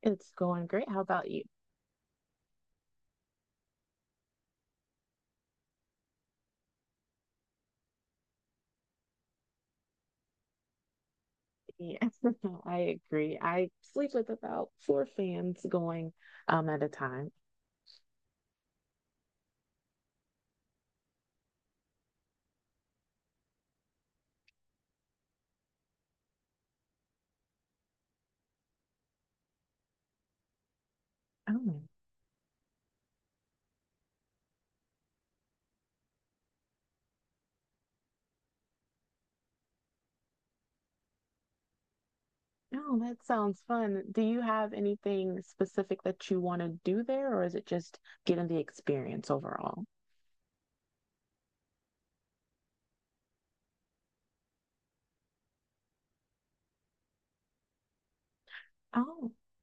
It's going great. How about you? Yeah, I agree. I sleep with about four fans going at a time. Oh, no, that sounds fun. Do you have anything specific that you want to do there, or is it just getting the experience overall?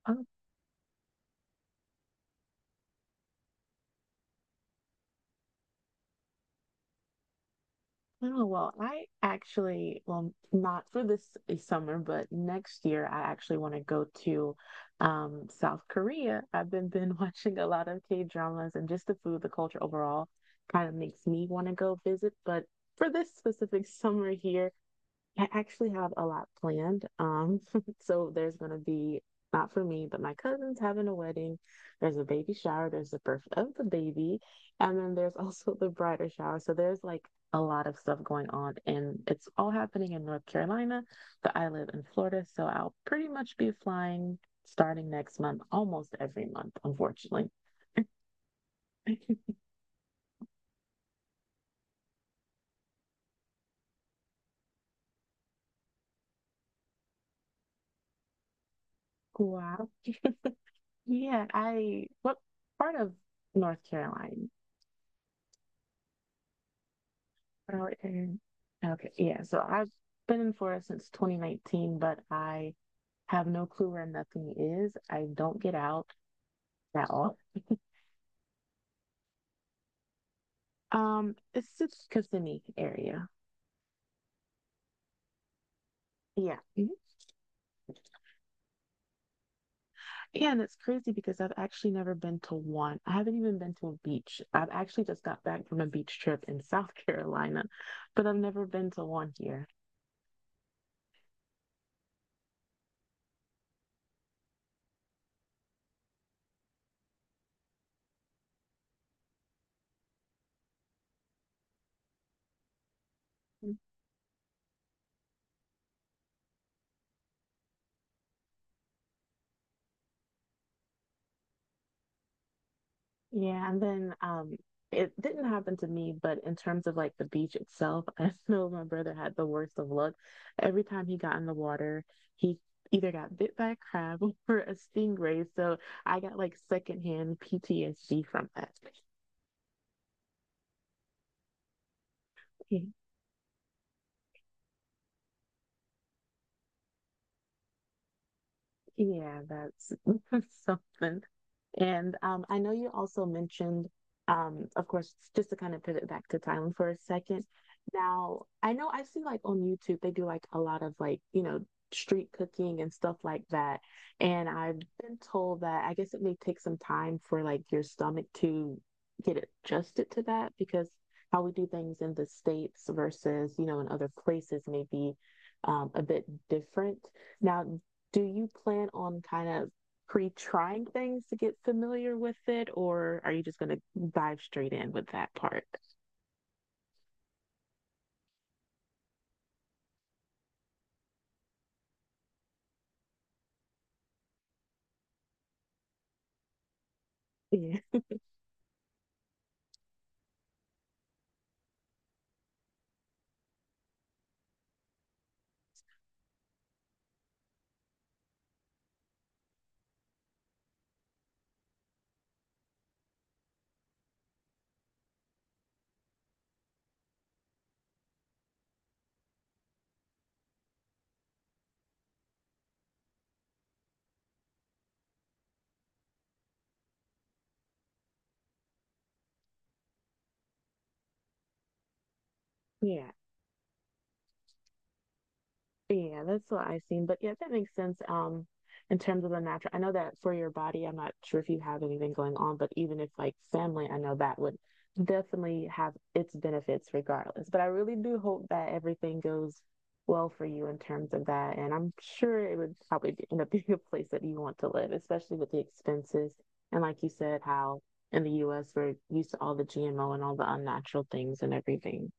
Oh, Oh, well, I actually, well, not for this summer, but next year, I actually want to go to South Korea. I've been watching a lot of K-dramas and just the food, the culture overall kind of makes me want to go visit. But for this specific summer here, I actually have a lot planned. So there's gonna be not for me, but my cousin's having a wedding. There's a baby shower, there's the birth of the baby, and then there's also the bridal shower. So there's like a lot of stuff going on, and it's all happening in North Carolina, but I live in Florida, so I'll pretty much be flying starting next month, almost every month, unfortunately. Wow. Yeah, I what part of North Carolina? Oh, okay. Okay, yeah. So I've been in Florida since 2019, but I have no clue where nothing is. I don't get out at all. It's just Kissimmee area. Yeah. Mhm. Yeah, and it's crazy because I've actually never been to one. I haven't even been to a beach. I've actually just got back from a beach trip in South Carolina, but I've never been to one here. Yeah, and then it didn't happen to me, but in terms of like the beach itself, I know my brother had the worst of luck. Every time he got in the water, he either got bit by a crab or a stingray. So I got like secondhand PTSD from that. Yeah, that's, that's something. And I know you also mentioned, of course, just to kind of pivot back to Thailand for a second. Now, I know I see like on YouTube, they do like a lot of like, street cooking and stuff like that. And I've been told that I guess it may take some time for like your stomach to get adjusted to that because how we do things in the States versus, in other places may be a bit different. Now, do you plan on kind of pre-trying things to get familiar with it, or are you just going to dive straight in with that part? Yeah. Yeah. Yeah, that's what I've seen. But yeah, that makes sense. In terms of the natural, I know that for your body, I'm not sure if you have anything going on, but even if like family, I know that would definitely have its benefits regardless. But I really do hope that everything goes well for you in terms of that. And I'm sure it would probably be, end up being a place that you want to live, especially with the expenses. And like you said, how in the US we're used to all the GMO and all the unnatural things and everything.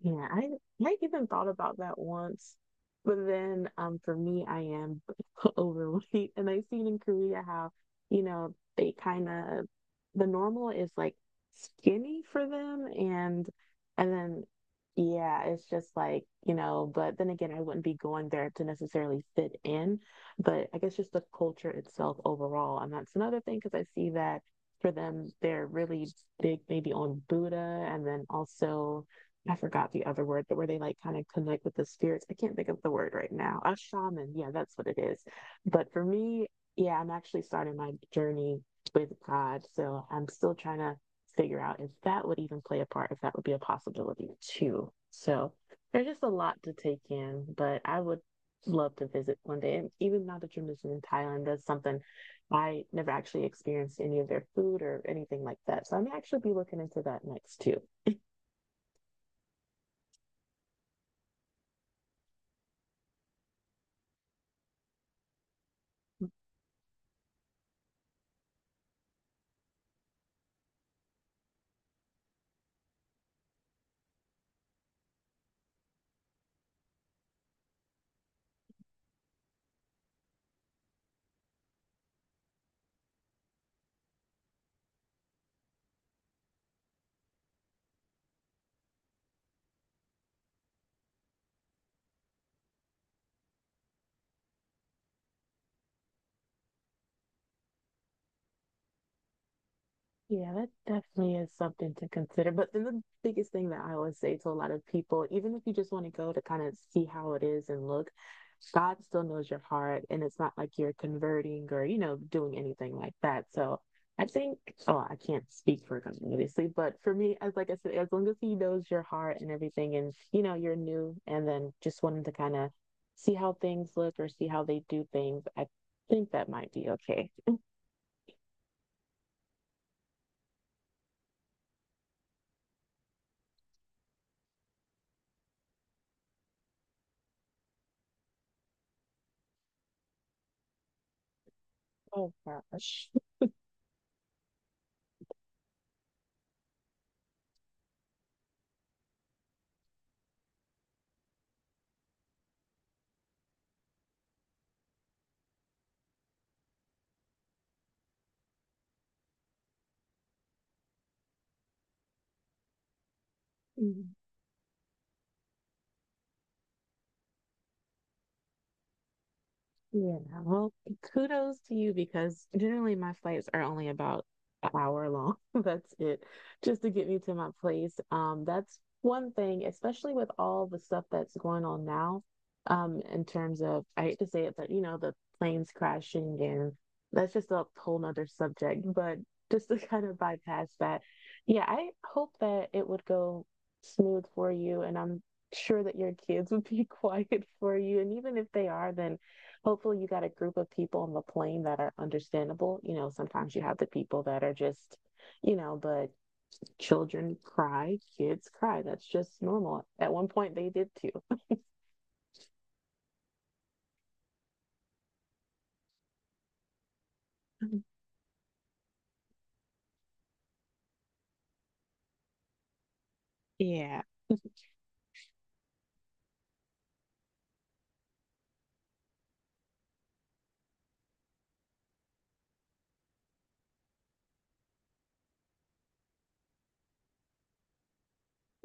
Yeah, I even thought about that once, but then for me I am overweight and I've seen in Korea how, they kind of the normal is like skinny for them and then yeah, it's just like, but then again I wouldn't be going there to necessarily fit in, but I guess just the culture itself overall. And that's another thing because I see that for them they're really big maybe on Buddha and then also I forgot the other word, but where they like kind of connect with the spirits. I can't think of the word right now. A shaman, yeah, that's what it is. But for me, yeah, I'm actually starting my journey with God, so I'm still trying to figure out if that would even play a part, if that would be a possibility too. So there's just a lot to take in, but I would love to visit one day. And even now that you're mentioning Thailand, that's something I never actually experienced any of their food or anything like that. So I may actually be looking into that next too. Yeah, that definitely is something to consider. But then the biggest thing that I always say to a lot of people, even if you just want to go to kind of see how it is and look, God still knows your heart. And it's not like you're converting or, doing anything like that. So I think, oh, I can't speak for God, obviously. But for me, as like I said, as long as He knows your heart and everything, and, you're new and then just wanting to kind of see how things look or see how they do things, I think that might be okay. Oh gosh. Mm. Yeah, well, kudos to you because generally my flights are only about an hour long. That's it, just to get me to my place. That's one thing, especially with all the stuff that's going on now, in terms of, I hate to say it, but the planes crashing and that's just a whole nother subject. But just to kind of bypass that, yeah, I hope that it would go smooth for you, and I'm sure that your kids would be quiet for you. And even if they are, then hopefully you got a group of people on the plane that are understandable. Sometimes you have the people that are just, but children cry, kids cry. That's just normal. At one point they did too. Yeah.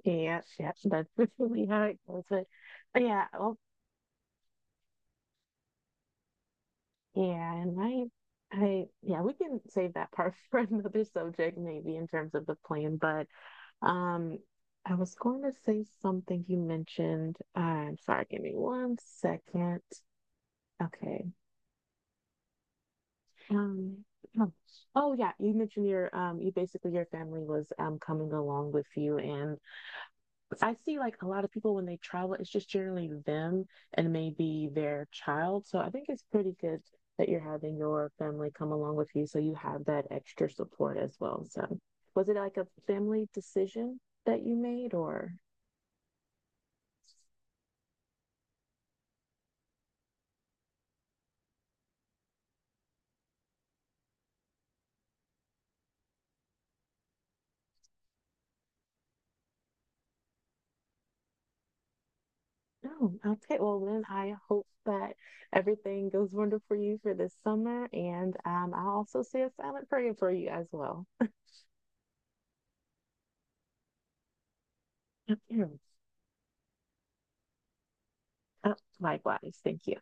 Yeah. Yeah. That's really how it goes. But yeah, oh yeah, and I yeah, we can save that part for another subject maybe in terms of the plane, but um I was going to say something you mentioned. I'm sorry, give me one second. Okay, Um, oh oh, yeah, you mentioned your you basically your family was coming along with you and I see like a lot of people when they travel, it's just generally them and maybe their child. So I think it's pretty good that you're having your family come along with you so you have that extra support as well. So was it like a family decision that you made or no? Okay, well then I hope that everything goes wonderful for you for this summer and I'll also say a silent prayer for you as well. Likewise, thank you.